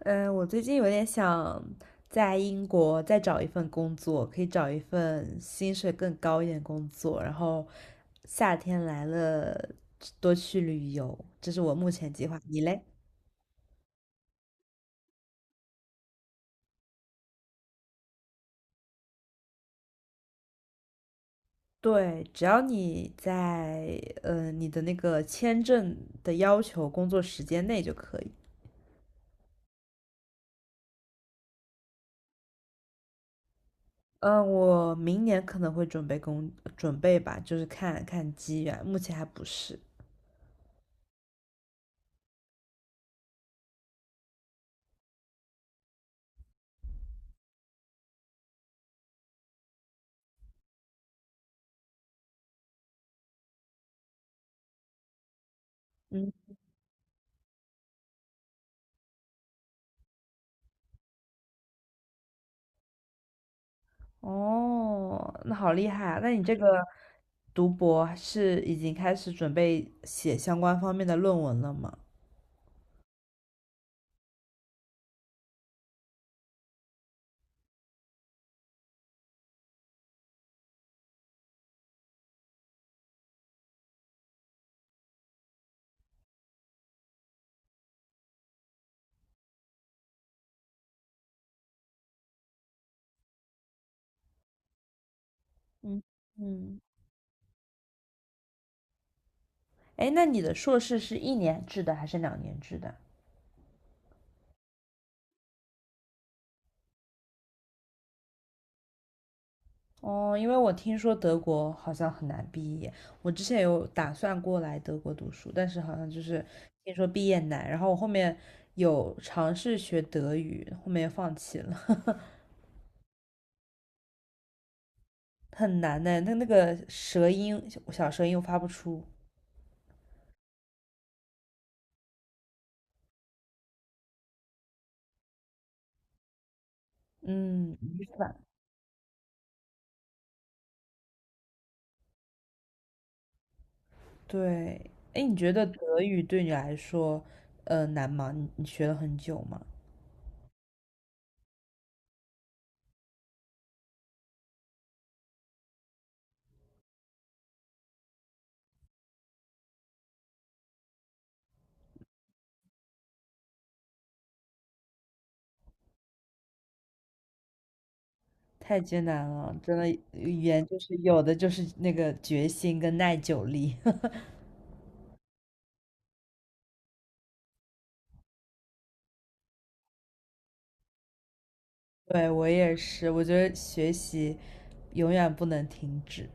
嗯，我最近有点想在英国再找一份工作，可以找一份薪水更高一点的工作，然后夏天来了多去旅游，这是我目前计划。你嘞？对，只要你在你的那个签证的要求工作时间内就可以。嗯，我明年可能会准备吧，就是看看机缘，目前还不是。嗯。哦，那好厉害啊！那你这个读博是已经开始准备写相关方面的论文了吗？嗯嗯，哎，那你的硕士是一年制的还是两年制的？哦，因为我听说德国好像很难毕业，我之前有打算过来德国读书，但是好像就是听说毕业难，然后我后面有尝试学德语，后面放弃了，很难呢，那那个舌音小舌音又发不出，嗯，对，哎，你觉得德语对你来说，难吗？你学了很久吗？太艰难了，真的，语言就是有的就是那个决心跟耐久力。对，我也是，我觉得学习永远不能停止。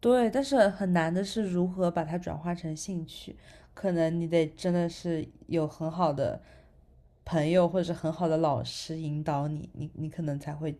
对，但是很难的是如何把它转化成兴趣，可能你得真的是有很好的朋友或者是很好的老师引导你，你可能才会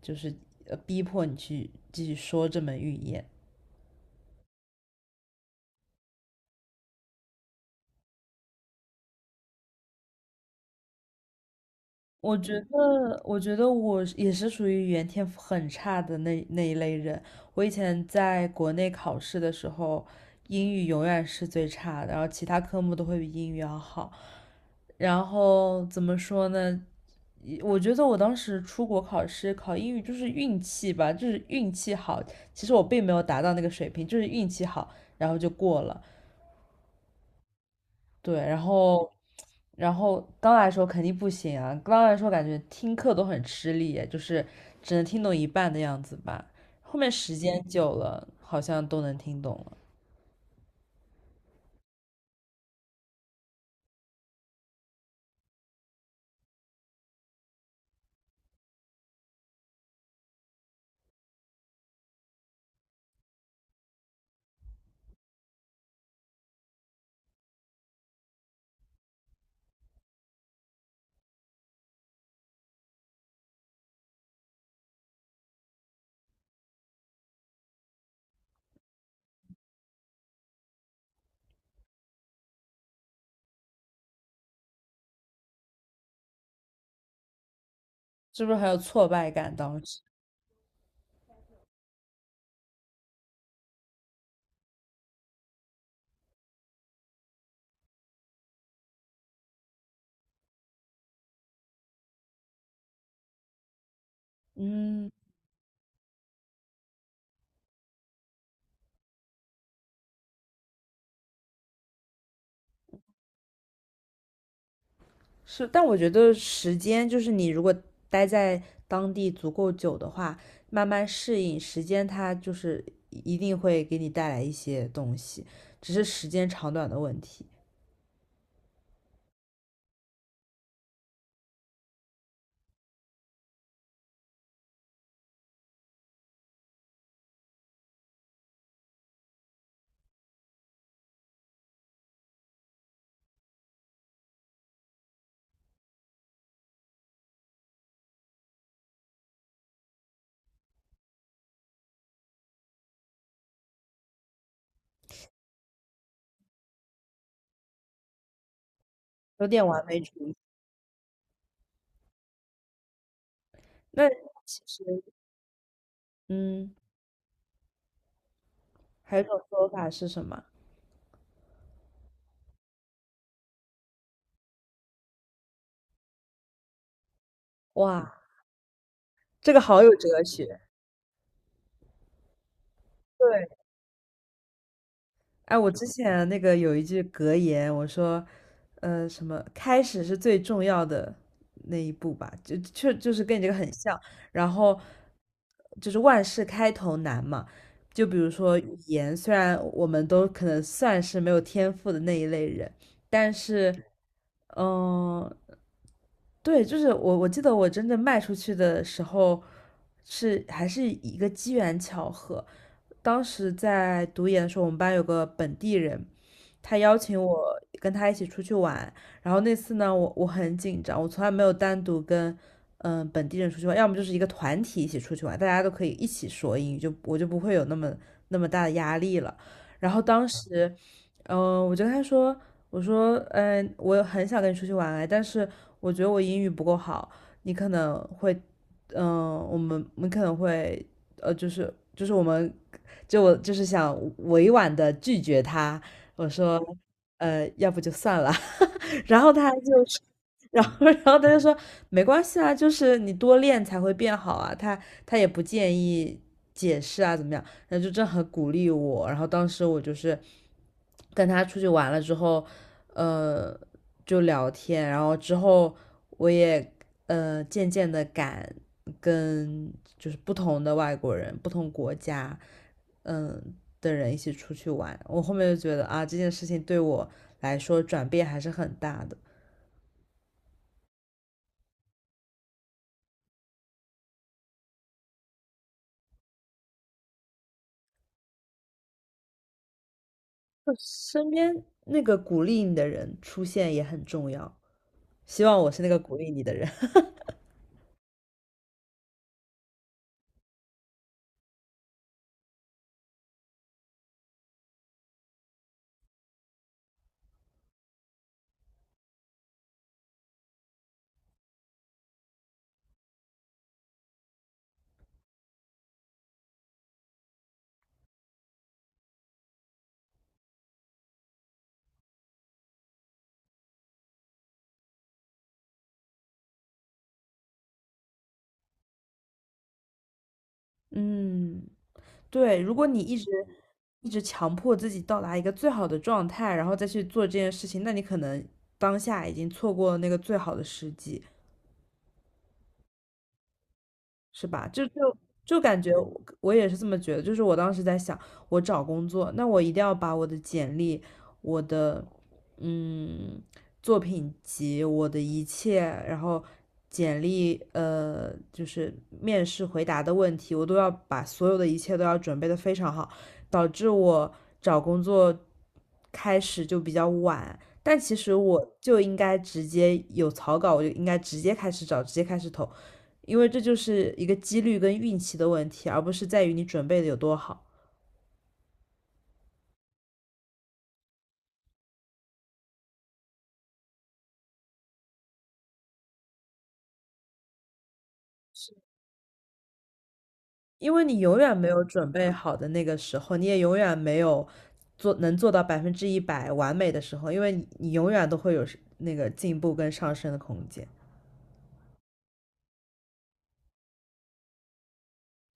就是逼迫你去继续说这门语言。我觉得，我觉得我也是属于语言天赋很差的那一类人。我以前在国内考试的时候，英语永远是最差的，然后其他科目都会比英语要好。然后怎么说呢？我觉得我当时出国考试考英语就是运气吧，就是运气好。其实我并没有达到那个水平，就是运气好，然后就过了。对，然后，然后刚来的时候肯定不行啊，刚来的时候感觉听课都很吃力，就是只能听懂一半的样子吧。后面时间久了，好像都能听懂了，是不是很有挫败感？当时，嗯。是，但我觉得时间就是你如果待在当地足够久的话，慢慢适应，时间它就是一定会给你带来一些东西，只是时间长短的问题，有点完美主义。那其实，嗯，还有一种说法是什么？哇，这个好有哲学。对。哎，我之前那个有一句格言，我说，什么开始是最重要的那一步吧，就是跟你这个很像。然后就是万事开头难嘛，就比如说语言，虽然我们都可能算是没有天赋的那一类人，但是嗯，对，就是我记得我真正卖出去的时候是还是一个机缘巧合，当时在读研的时候，我们班有个本地人，他邀请我跟他一起出去玩，然后那次呢，我很紧张，我从来没有单独跟本地人出去玩，要么就是一个团体一起出去玩，大家都可以一起说英语，就我就不会有那么大的压力了。然后当时，嗯，我就跟他说。我说，我很想跟你出去玩哎，但是我觉得我英语不够好，你可能会，嗯、我们可能会，就是我们，就我就是想委婉的拒绝他，我说，要不就算了，然后他就是 然后他就说没关系啊，就是你多练才会变好啊。他他也不建议解释啊，怎么样？然后就正很鼓励我。然后当时我就是跟他出去玩了之后，呃，就聊天。然后之后我也渐渐的敢跟就是不同的外国人、不同国家。嗯的人一起出去玩。我后面就觉得啊，这件事情对我来说转变还是很大的。就身边那个鼓励你的人出现也很重要。希望我是那个鼓励你的人。嗯，对，如果你一直强迫自己到达一个最好的状态，然后再去做这件事情，那你可能当下已经错过了那个最好的时机。是吧？就感觉我也是这么觉得，就是我当时在想，我找工作，那我一定要把我的简历、我的嗯作品集、我的一切，然后简历就是面试回答的问题，我都要把所有的一切都要准备的非常好，导致我找工作开始就比较晚。但其实我就应该直接有草稿，我就应该直接开始找，直接开始投，因为这就是一个几率跟运气的问题，而不是在于你准备的有多好。因为你永远没有准备好的那个时候，你也永远没有做能做到100%完美的时候，因为你永远都会有是那个进步跟上升的空间，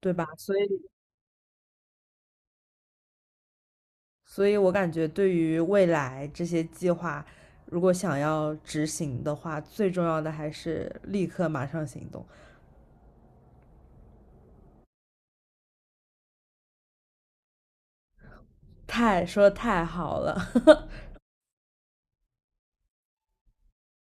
对吧？所以，所以我感觉对于未来这些计划，如果想要执行的话，最重要的还是立刻马上行动。太说的太好了，